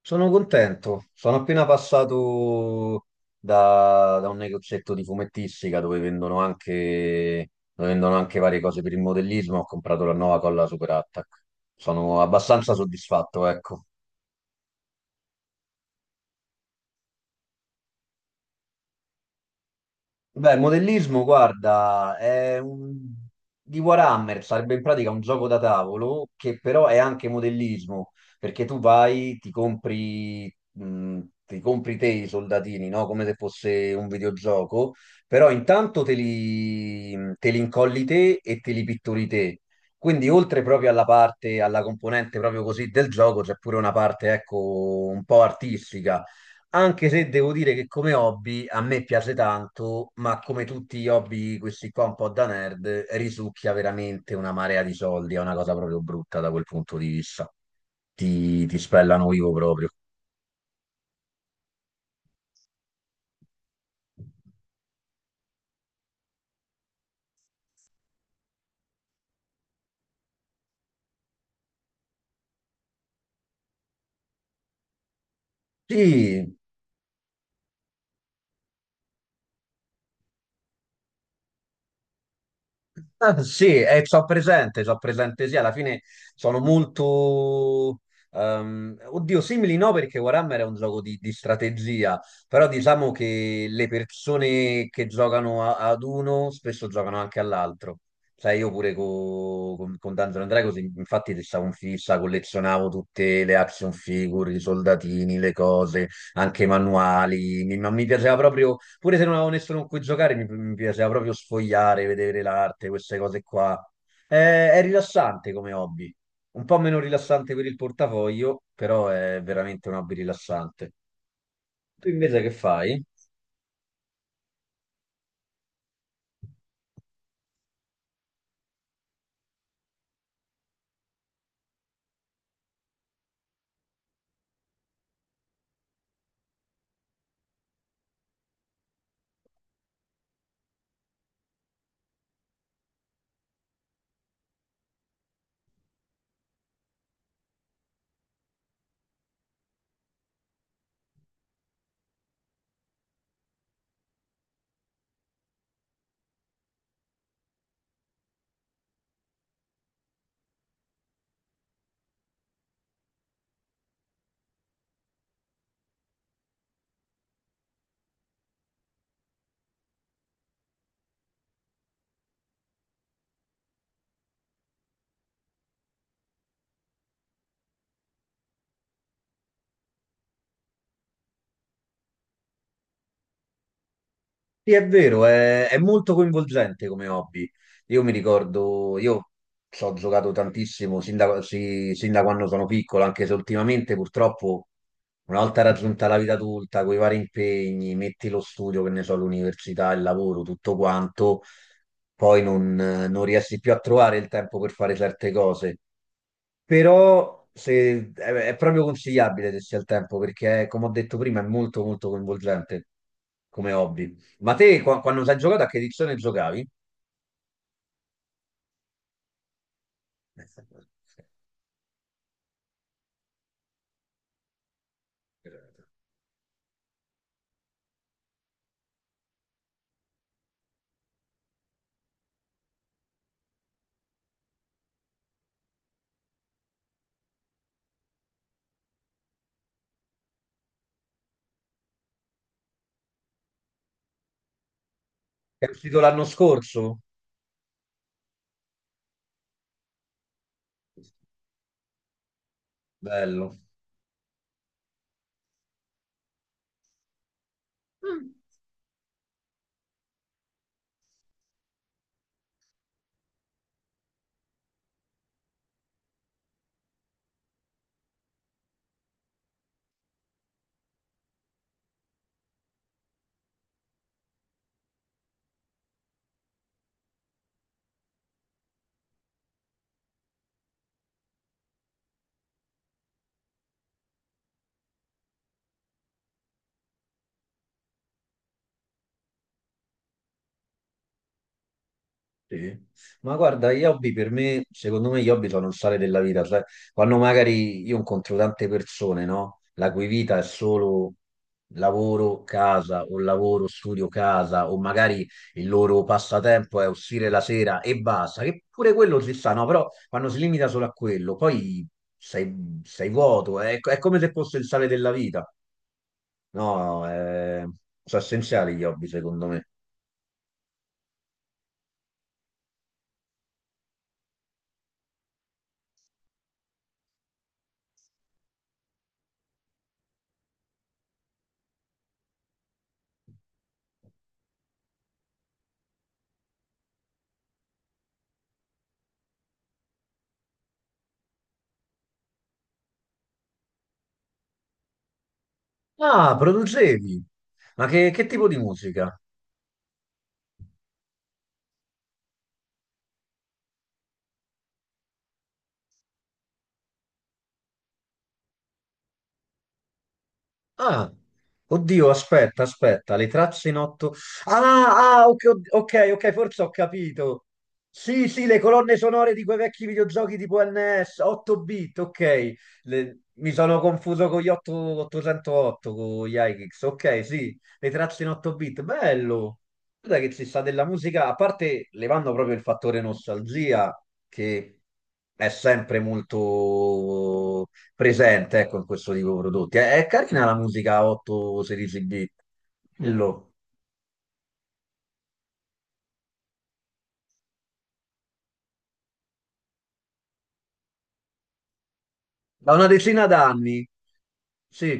Sono contento, sono appena passato da un negozietto di fumettistica dove vendono anche varie cose per il modellismo, ho comprato la nuova colla Super Attack. Sono abbastanza soddisfatto, ecco. Beh, modellismo, guarda, di Warhammer, sarebbe in pratica un gioco da tavolo che però è anche modellismo, perché tu vai, ti compri te i soldatini, no? Come se fosse un videogioco, però intanto te li incolli te e te li pitturi te. Quindi oltre proprio alla parte, alla componente proprio così del gioco, c'è pure una parte, ecco, un po' artistica, anche se devo dire che come hobby a me piace tanto, ma come tutti gli hobby, questi qua un po' da nerd, risucchia veramente una marea di soldi, è una cosa proprio brutta da quel punto di vista. Ti spellano vivo proprio. Sì. Ah, sì, e so presente, sì, alla fine sono molto... oddio, simili no, perché Warhammer è un gioco di strategia, però diciamo che le persone che giocano ad uno spesso giocano anche all'altro. Sai, io pure con Dungeons and Dragons, infatti, stavo in fissa, collezionavo tutte le action figure, i soldatini, le cose, anche i manuali, ma mi piaceva proprio, pure se non avevo nessuno con cui giocare, mi piaceva proprio sfogliare, vedere l'arte, queste cose qua. È rilassante come hobby, un po' meno rilassante per il portafoglio, però è veramente un hobby rilassante. Tu invece che fai? Sì, è vero, è molto coinvolgente come hobby. Io mi ricordo, io ci ho giocato tantissimo sin da, sì, sin da quando sono piccolo, anche se ultimamente purtroppo, una volta raggiunta la vita adulta, con i vari impegni, metti lo studio, che ne so, l'università, il lavoro, tutto quanto, poi non riesci più a trovare il tempo per fare certe cose. Però è proprio consigliabile se si ha il tempo, perché come ho detto prima è molto molto coinvolgente come hobby. Ma te quando sei giocato, a che edizione giocavi? È uscito l'anno scorso? Bello. Sì. Ma guarda, gli hobby per me, secondo me gli hobby sono il sale della vita, sai? Quando magari io incontro tante persone, no? La cui vita è solo lavoro, casa, o lavoro, studio, casa, o magari il loro passatempo è uscire la sera e basta, che pure quello si sa, no? Però quando si limita solo a quello, poi sei vuoto, eh? È come se fosse il sale della vita. No, sono essenziali gli hobby, secondo me. Ah, producevi! Ma che tipo di musica? Ah, oddio, aspetta, aspetta, le tracce in otto... Ah, ah, ok, ok, ok, forse ho capito. Sì, sì, le colonne sonore di quei vecchi videogiochi tipo NS, 8 bit, ok. Mi sono confuso con gli 8 808, con gli iKicks, ok, sì, le tracce in 8 bit, bello. Guarda che ci sta della musica, a parte levando proprio il fattore nostalgia, che è sempre molto presente, ecco, in questo tipo di prodotti. È carina la musica a 8-16 bit. Quello. Da una decina d'anni. Sì,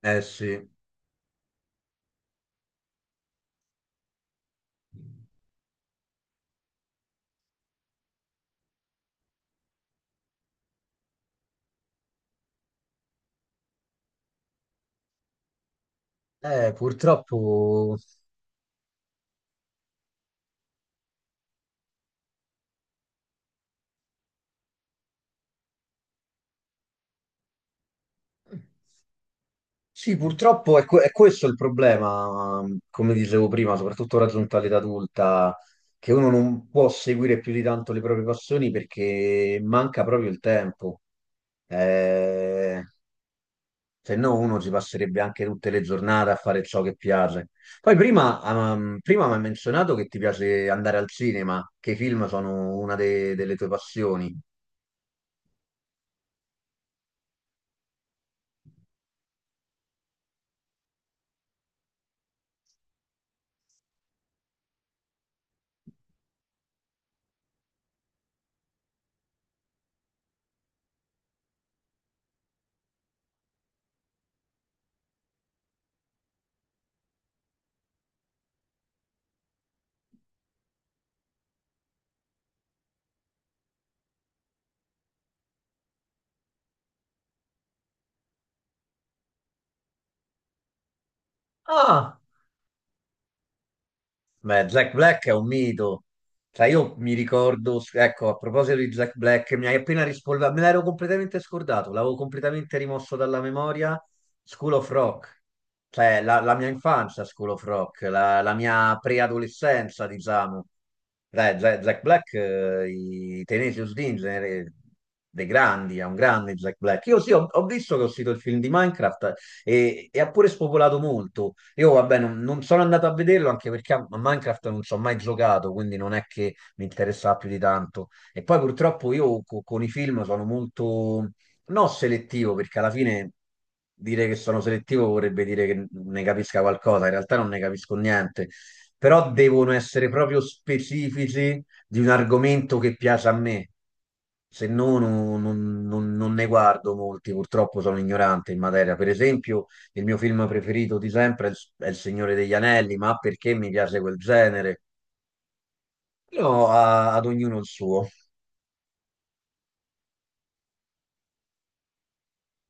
eh sì. Purtroppo... Sì, purtroppo è questo il problema, come dicevo prima, soprattutto raggiunta l'età adulta, che uno non può seguire più di tanto le proprie passioni perché manca proprio il tempo. Eh, se no uno si passerebbe anche tutte le giornate a fare ciò che piace. Poi prima mi hai menzionato che ti... Beh, Jack Black è un mito. Cioè, io mi ricordo, ecco, a proposito di Jack Black, mi hai appena rispolverato, me l'ero completamente scordato, l'avevo completamente rimosso dalla memoria. School of Rock, cioè la mia infanzia, School of Rock, la mia preadolescenza, diciamo. Dai, Jack Black, i Tenacious D in genere, dei grandi, è un grande Jack Black. Io sì, ho visto che ho uscito il film di Minecraft, e ha pure spopolato molto. Io, vabbè, non sono andato a vederlo anche perché a Minecraft non ci ho mai giocato, quindi non è che mi interessava più di tanto. E poi purtroppo io con i film sono molto, non selettivo, perché alla fine dire che sono selettivo vorrebbe dire che ne capisca qualcosa, in realtà non ne capisco niente, però devono essere proprio specifici di un argomento che piace a me. Se no, non ne guardo molti, purtroppo sono ignorante in materia. Per esempio, il mio film preferito di sempre è Il Signore degli Anelli, ma perché mi piace quel genere? Però ad ognuno il suo.